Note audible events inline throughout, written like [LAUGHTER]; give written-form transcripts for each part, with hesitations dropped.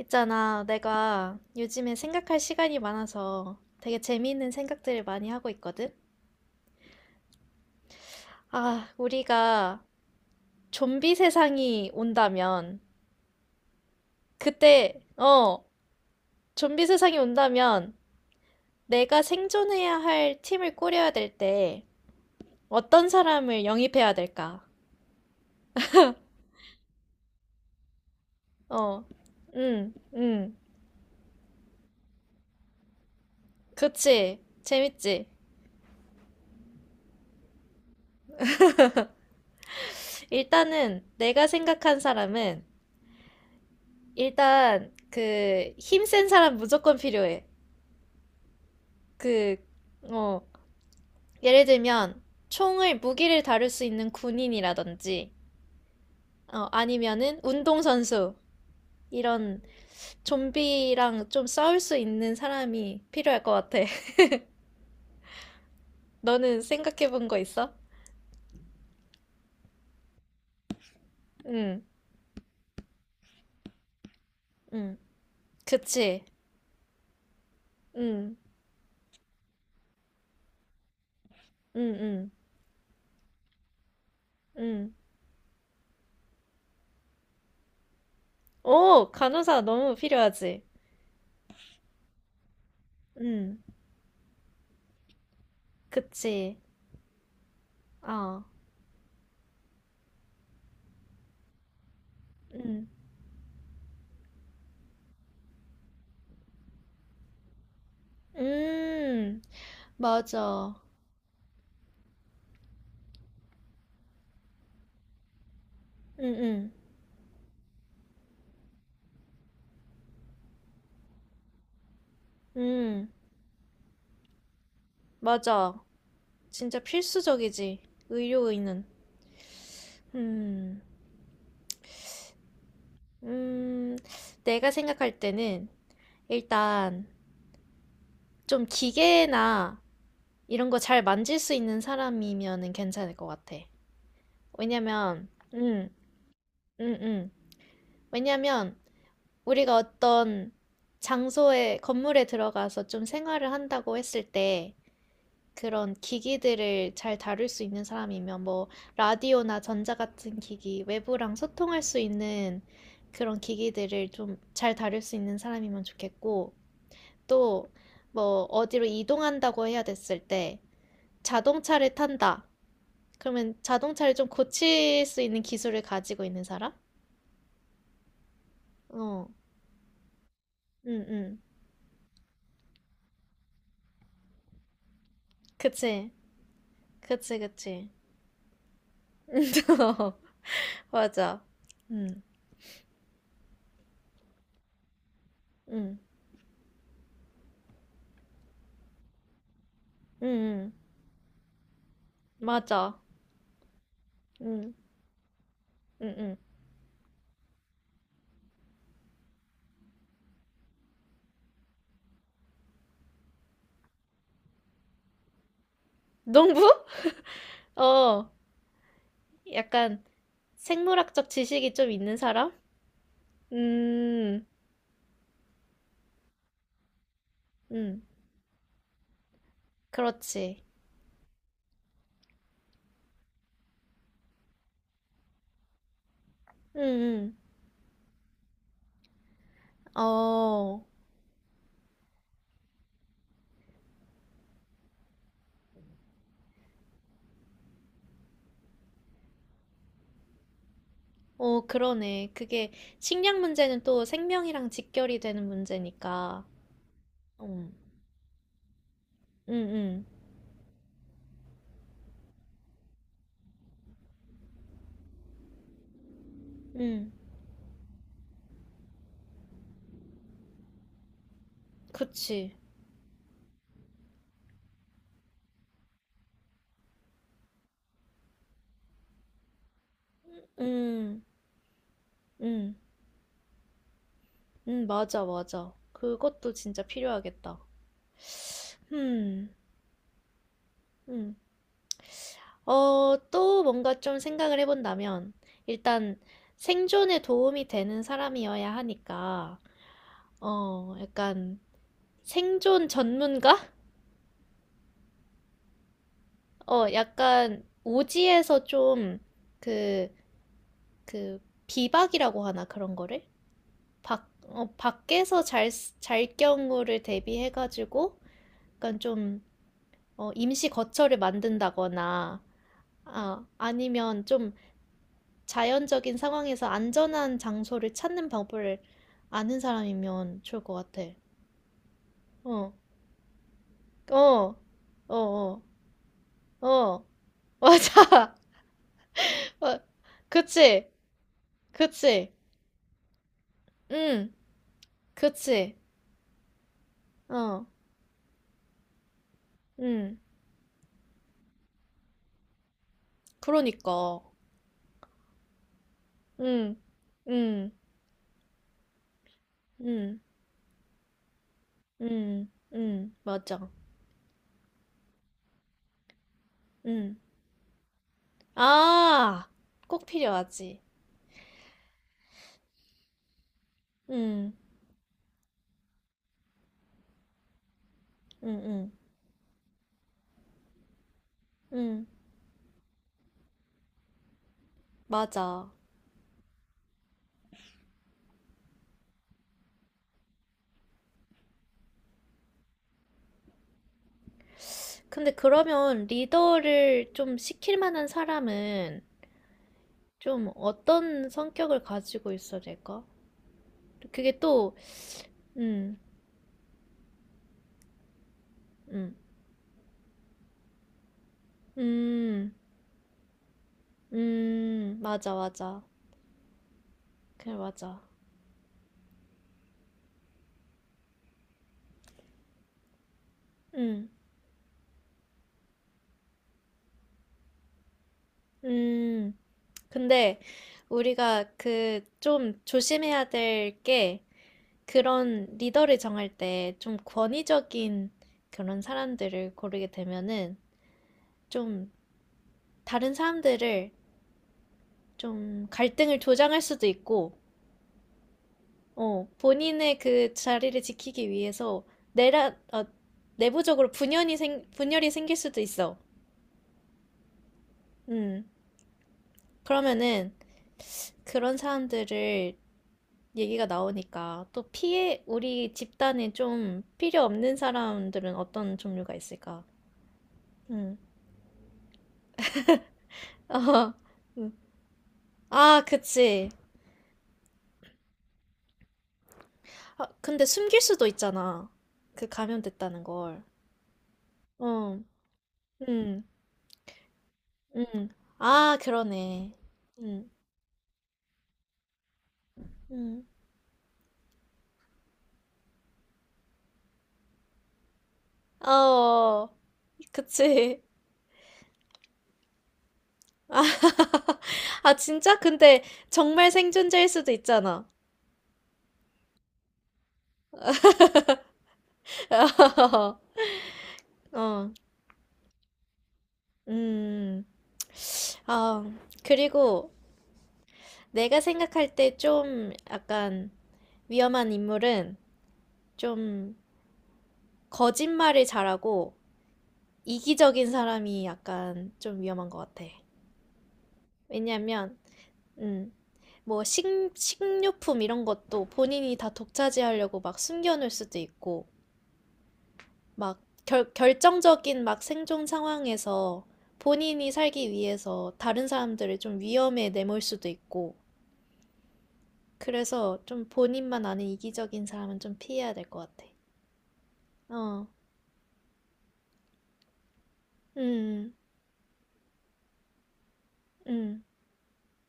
있잖아, 내가 요즘에 생각할 시간이 많아서 되게 재미있는 생각들을 많이 하고 있거든? 아, 우리가 좀비 세상이 온다면, 그때, 좀비 세상이 온다면 내가 생존해야 할 팀을 꾸려야 될 때 어떤 사람을 영입해야 될까? 어, 응, 응, 그치. 재밌지? 일단은 내가 생각한 사람은 일단 그 힘센 사람 무조건 필요해. 그, 어, 예를 들면, 총을, 무기를 다룰 수 있는 군인이라든지, 아니면은 운동선수, 이런 좀비랑 좀 싸울 수 있는 사람이 필요할 것 같아. [LAUGHS] 너는 생각해 본 거 있어? 응, 응, 그치. 응, 응, 응, 응. 오, 간호사 너무 필요하지. 응, 그치. 어, 응. 음, 맞아. 응, 응, 응, 맞아. 진짜 필수적이지. 의료의는. 음, 음, 내가 생각할 때는 일단 좀 기계나 이런 거 잘 만질 수 있는 사람이면은 괜찮을 것 같아. 왜냐면, 음, 음, 음. 왜냐면 우리가 어떤 장소에, 건물에 들어가서 좀 생활을 한다고 했을 때 그런 기기들을 잘 다룰 수 있는 사람이면 뭐 라디오나 전자 같은 기기, 외부랑 소통할 수 있는 그런 기기들을 좀 잘 다룰 수 있는 사람이면 좋겠고 또 뭐 어디로 이동한다고 해야 됐을 때 자동차를 탄다. 그러면 자동차를 좀 고칠 수 있는 기술을 가지고 있는 사람? 어, 응, 응. 그치, 그치, 그치. [LAUGHS] 어, 맞아. 응, 응, 응, 응. 맞아. 응, 응, 응. 농부? 어, 약간 생물학적 지식이 좀 있는 사람? 음, 음, 그렇지. 음, 어, 어, 그러네. 그게 식량 문제는 또 생명이랑 직결이 되는 문제니까. 음, 음, 음, 음, 그치. 음, 음, 맞아, 맞아. 그것도 진짜 필요하겠다. 음, 음. 어, 또 뭔가 좀 생각을 해본다면, 일단 생존에 도움이 되는 사람이어야 하니까, 어, 약간 생존 전문가? 어, 약간 오지에서 좀 그, 그 비박이라고 하나 그런 거를? 밖에서 잘, 잘 경우를 대비해가지고, 약간 좀, 어, 임시 거처를 만든다거나, 아, 아니면 좀 자연적인 상황에서 안전한 장소를 찾는 방법을 아는 사람이면 좋을 것 같아. 어, 어, 어, 어, 어, 맞아. [LAUGHS] 어, 그치, 그치, 응, 그치, 어, 응, 그러니까, 응, 응, 응, 응, 응, 맞아, 응. 아, 꼭 필요하지. 응, 응, 응, 응, 맞아. 근데 그러면 리더를 좀 시킬 만한 사람은 좀 어떤 성격을 가지고 있어야 될까? 그게 또, 음, 음, 음, 맞아, 맞아. 그래, 맞아. 음, 음. 근데 우리가 그 좀 조심해야 될 게 그런 리더를 정할 때 좀 권위적인 그런 사람들을 고르게 되면은 좀 다른 사람들을 좀 갈등을 조장할 수도 있고, 어, 본인의 그 자리를 지키기 위해서 내라, 어, 내부적으로 분열이 생길 수도 있어. 음. 그러면은 그런 사람들을 얘기가 나오니까 또 우리 집단에 좀 필요 없는 사람들은 어떤 종류가 있을까? 음. [LAUGHS] 어, 음. 아, 그치. 아, 근데 숨길 수도 있잖아. 그 감염됐다는 걸. 어, 음. 음. 아, 그러네. 음. 음. 어. 그치. [LAUGHS] 아, 진짜? 근데 정말 생존자일 수도 있잖아. [LAUGHS] 어. 음. 아, 그리고 내가 생각할 때 좀 약간 위험한 인물은 좀 거짓말을 잘하고 이기적인 사람이 약간 좀 위험한 것 같아. 왜냐면 음. 뭐 식료품 이런 것도 본인이 다 독차지하려고 막 숨겨놓을 수도 있고, 막 결정적인 막 생존 상황에서 본인이 살기 위해서 다른 사람들을 좀 위험에 내몰 수도 있고, 그래서 좀 본인만 아는 이기적인 사람은 좀 피해야 될 것 같아. 어, 음, 음,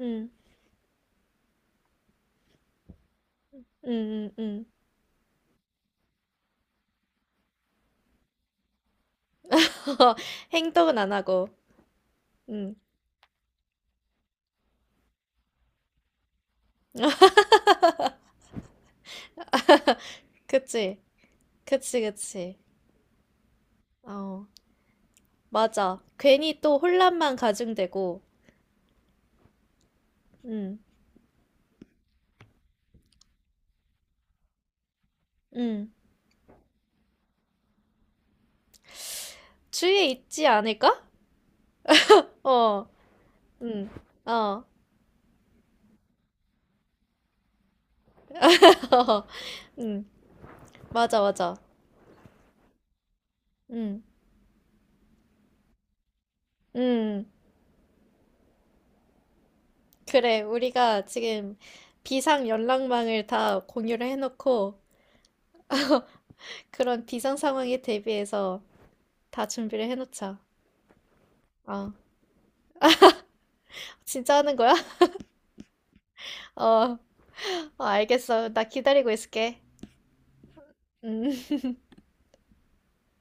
음, 음. [LAUGHS] 행동은 안 하고, 음, 그치, 그치, 그치. 어. 맞아. 괜히 또 혼란만 가중되고, 음, 음, 주위에 있지 않을까? 어, 음, 어, [LAUGHS] 음, 맞아, 맞아. 음, 음, 그래. 우리가 지금 비상 연락망을 다 공유를 해놓고, 그런 비상 상황에 대비해서 다 준비를 해놓자. 어, 진짜 하는 거야? [LAUGHS] 어, 어, 알겠어. 나 기다리고 있을게. 음.